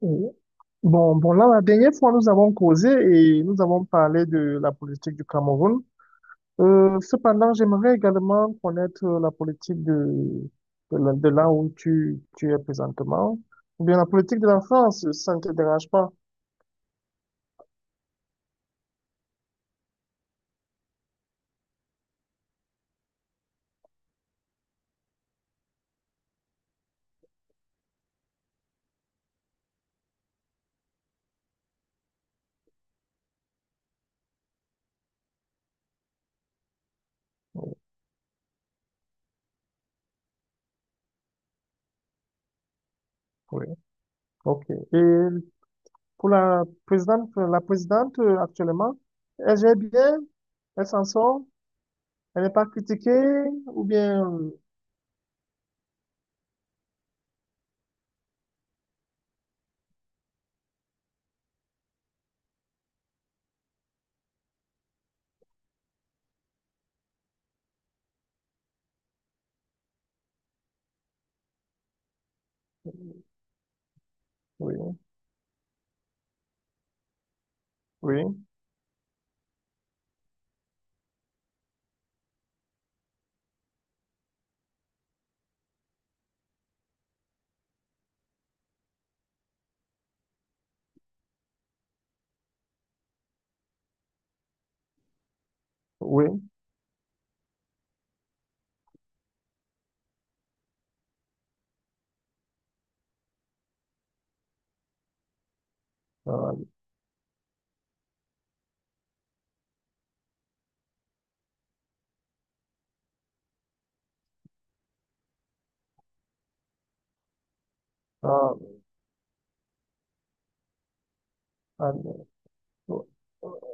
Oui. Bon, bon, là, la dernière fois, nous avons causé et nous avons parlé de la politique du Cameroun. Cependant, j'aimerais également connaître la politique de là de là où tu es présentement, ou bien la politique de la France, ça ne te dérange pas. Oui, ok. Et pour la présidente actuellement, elle gère bien, elle s'en sort, elle n'est pas critiquée, ou bien, oui, oui, oui. Ah, ah, ah, ah,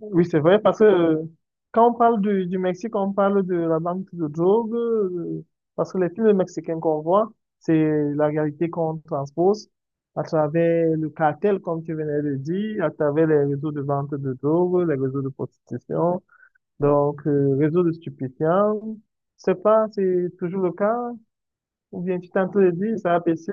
oui, c'est vrai, parce que quand on parle du Mexique, on parle de la vente de drogue, parce que les films mexicains qu'on voit, c'est la réalité qu'on transpose à travers le cartel, comme tu venais de dire, à travers les réseaux de vente de drogue, les réseaux de prostitution, donc réseaux de stupéfiants. Je sais pas, c'est toujours le cas, ou bien tu t'entends de dire, ça a baissé.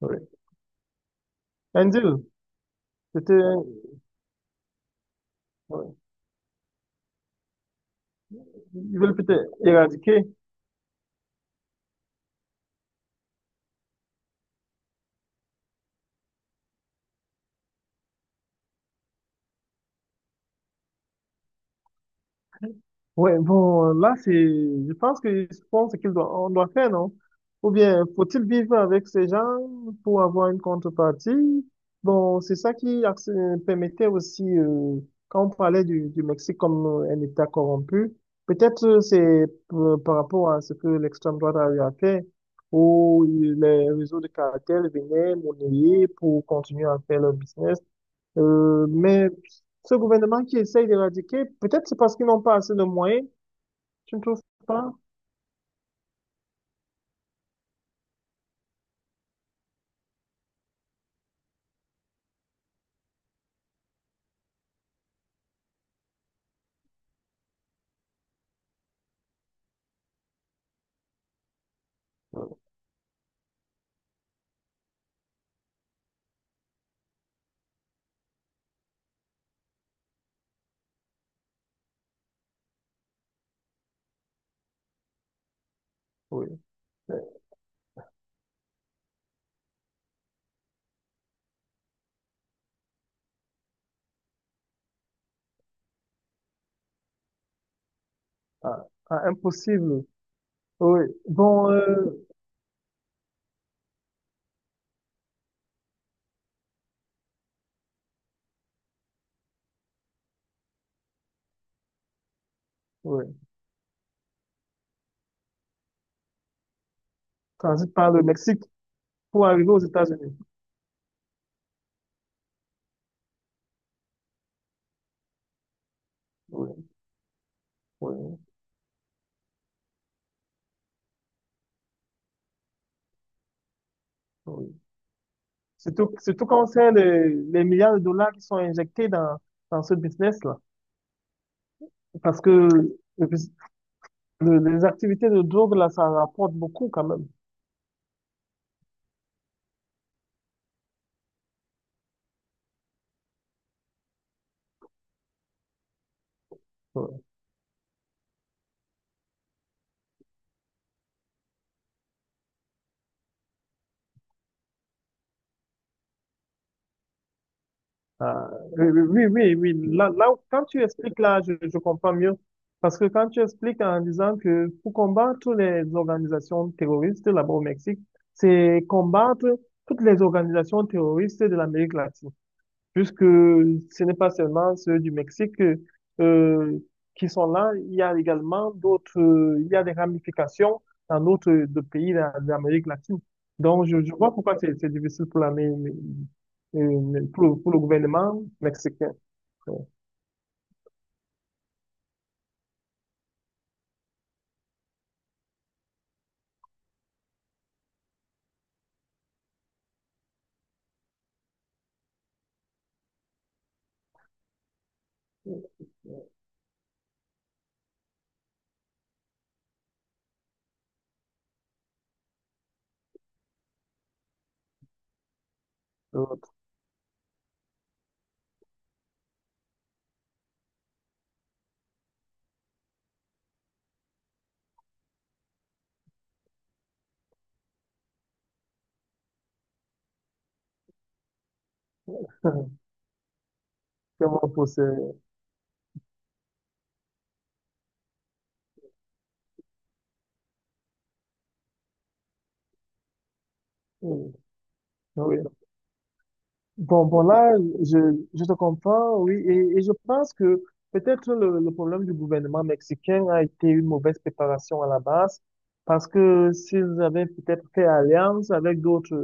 Oui. Un deal, c'était, ouais. Ils veulent peut-être éradiquer. Ouais, bon, là, c'est, je pense que, je pense qu'il doit, on doit faire, non? Ou bien, faut-il vivre avec ces gens pour avoir une contrepartie? Bon, c'est ça qui permettait aussi, quand on parlait du Mexique comme un État corrompu, peut-être par rapport à ce que l'extrême droite a eu à faire, où les réseaux de cartels venaient monnayer pour continuer à faire leur business. Mais ce gouvernement qui essaye d'éradiquer, peut-être c'est parce qu'ils n'ont pas assez de moyens, tu ne trouves pas? Euh, Oui. Euh, ah, ah, impossible. Oui. Bon, oui. Transit par le Mexique pour arriver aux États-Unis. Oui, oui, oui. Surtout, surtout quand on sait les milliards de dollars qui sont injectés dans ce business-là. Parce que le bus- les activités de drogue, là, ça rapporte beaucoup quand même. Oui. Ah, oui, oui, oui, oui, oui. Quand tu expliques là, je comprends mieux. Parce que quand tu expliques en disant que pour combattre les organisations terroristes là-bas au Mexique, c'est combattre toutes les organisations terroristes de l'Amérique latine, puisque ce n'est pas seulement ceux du Mexique euh, qui sont là, il y a également d'autres, il y a des ramifications dans d'autres pays d'Amérique latine. Donc, je vois pourquoi c'est difficile pour la, mais- pour, pour le gouvernement mexicain. Ouais. Euh, l'autre, comment pousser? Oui, oui. Bon, bon, là, je, je te comprends, oui, et je pense que peut-être le problème du gouvernement mexicain a été une mauvaise préparation à la base, parce que s'ils avaient peut-être fait alliance avec d'autres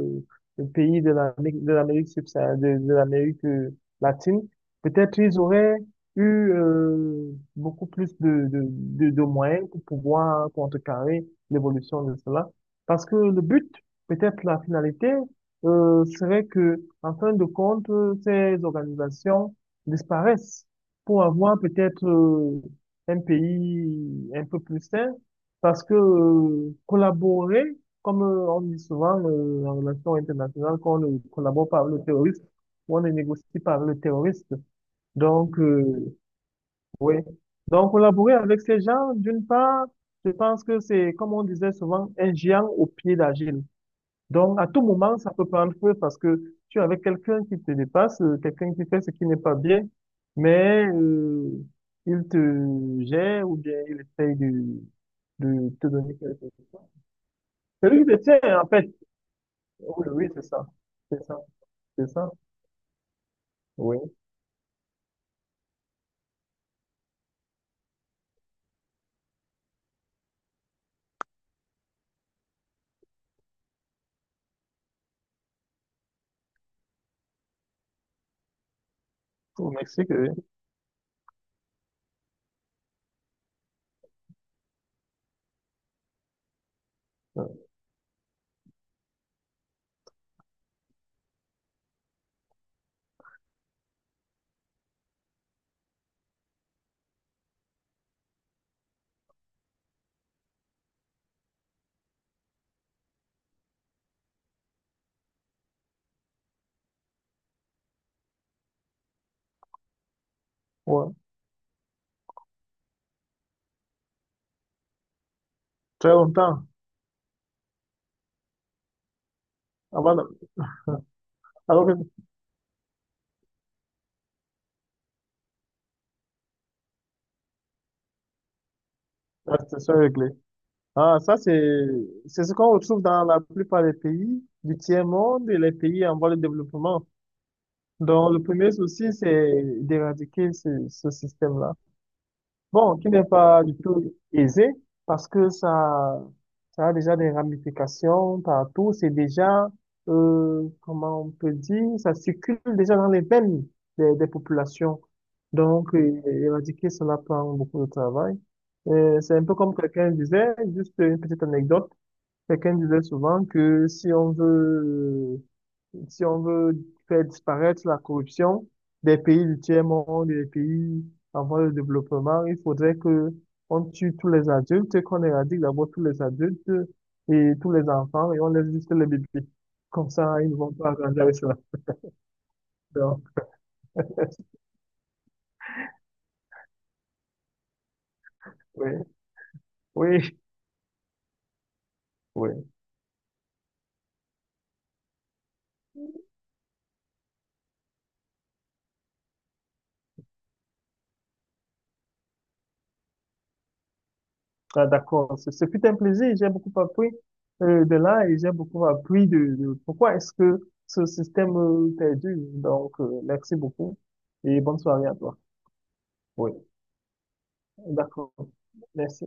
pays de l'Amérique subsaharienne, de l'Amérique latine, peut-être ils auraient eu beaucoup plus de moyens pour pouvoir contrecarrer l'évolution de cela, parce que le but, peut-être la finalité serait que, en fin de compte, ces organisations disparaissent pour avoir peut-être un pays un peu plus sain, parce que collaborer, comme on dit souvent en relation internationale, qu'on ne collabore pas avec le terroriste, on ne négocie pas avec le terroriste. Donc, oui. Donc, collaborer avec ces gens, d'une part, je pense que c'est, comme on disait souvent, un géant au pied d'argile. Donc, à tout moment, ça peut prendre feu parce que tu es avec quelqu'un qui te dépasse, quelqu'un qui fait ce qui n'est pas bien, mais il te gère ou bien il essaye de te donner quelque chose. C'est lui qui te tient, en fait. Oh, oui, oui, c'est ça. C'est ça. C'est ça. Oui. Au Mexique, oui. Ouais. Ouais. Très longtemps. Avant, de- alors que la situation est réglée. Ah, ça, c'est ce qu'on retrouve dans la plupart des pays du tiers-monde et les pays en voie de développement. Donc, le premier souci, c'est d'éradiquer ce système-là. Bon, qui n'est pas du tout aisé parce que ça a déjà des ramifications partout. C'est déjà, comment on peut dire, ça circule déjà dans les veines des populations. Donc, éradiquer cela prend beaucoup de travail. C'est un peu comme quelqu'un disait, juste une petite anecdote, quelqu'un disait souvent que si on veut faire disparaître la corruption des pays du tiers-monde, des pays en voie de développement, il faudrait que on tue tous les adultes, qu'on éradique d'abord tous les adultes et tous les enfants et on laisse juste les bébés. Comme ça, ils ne vont pas grandir avec cela. Donc, oui, oui, oui. Ah, d'accord. C'est tout un plaisir. J'ai beaucoup appris de là et j'ai beaucoup appris de pourquoi est-ce que ce système perdure. Donc, merci beaucoup et bonne soirée à toi. Oui. D'accord. Merci.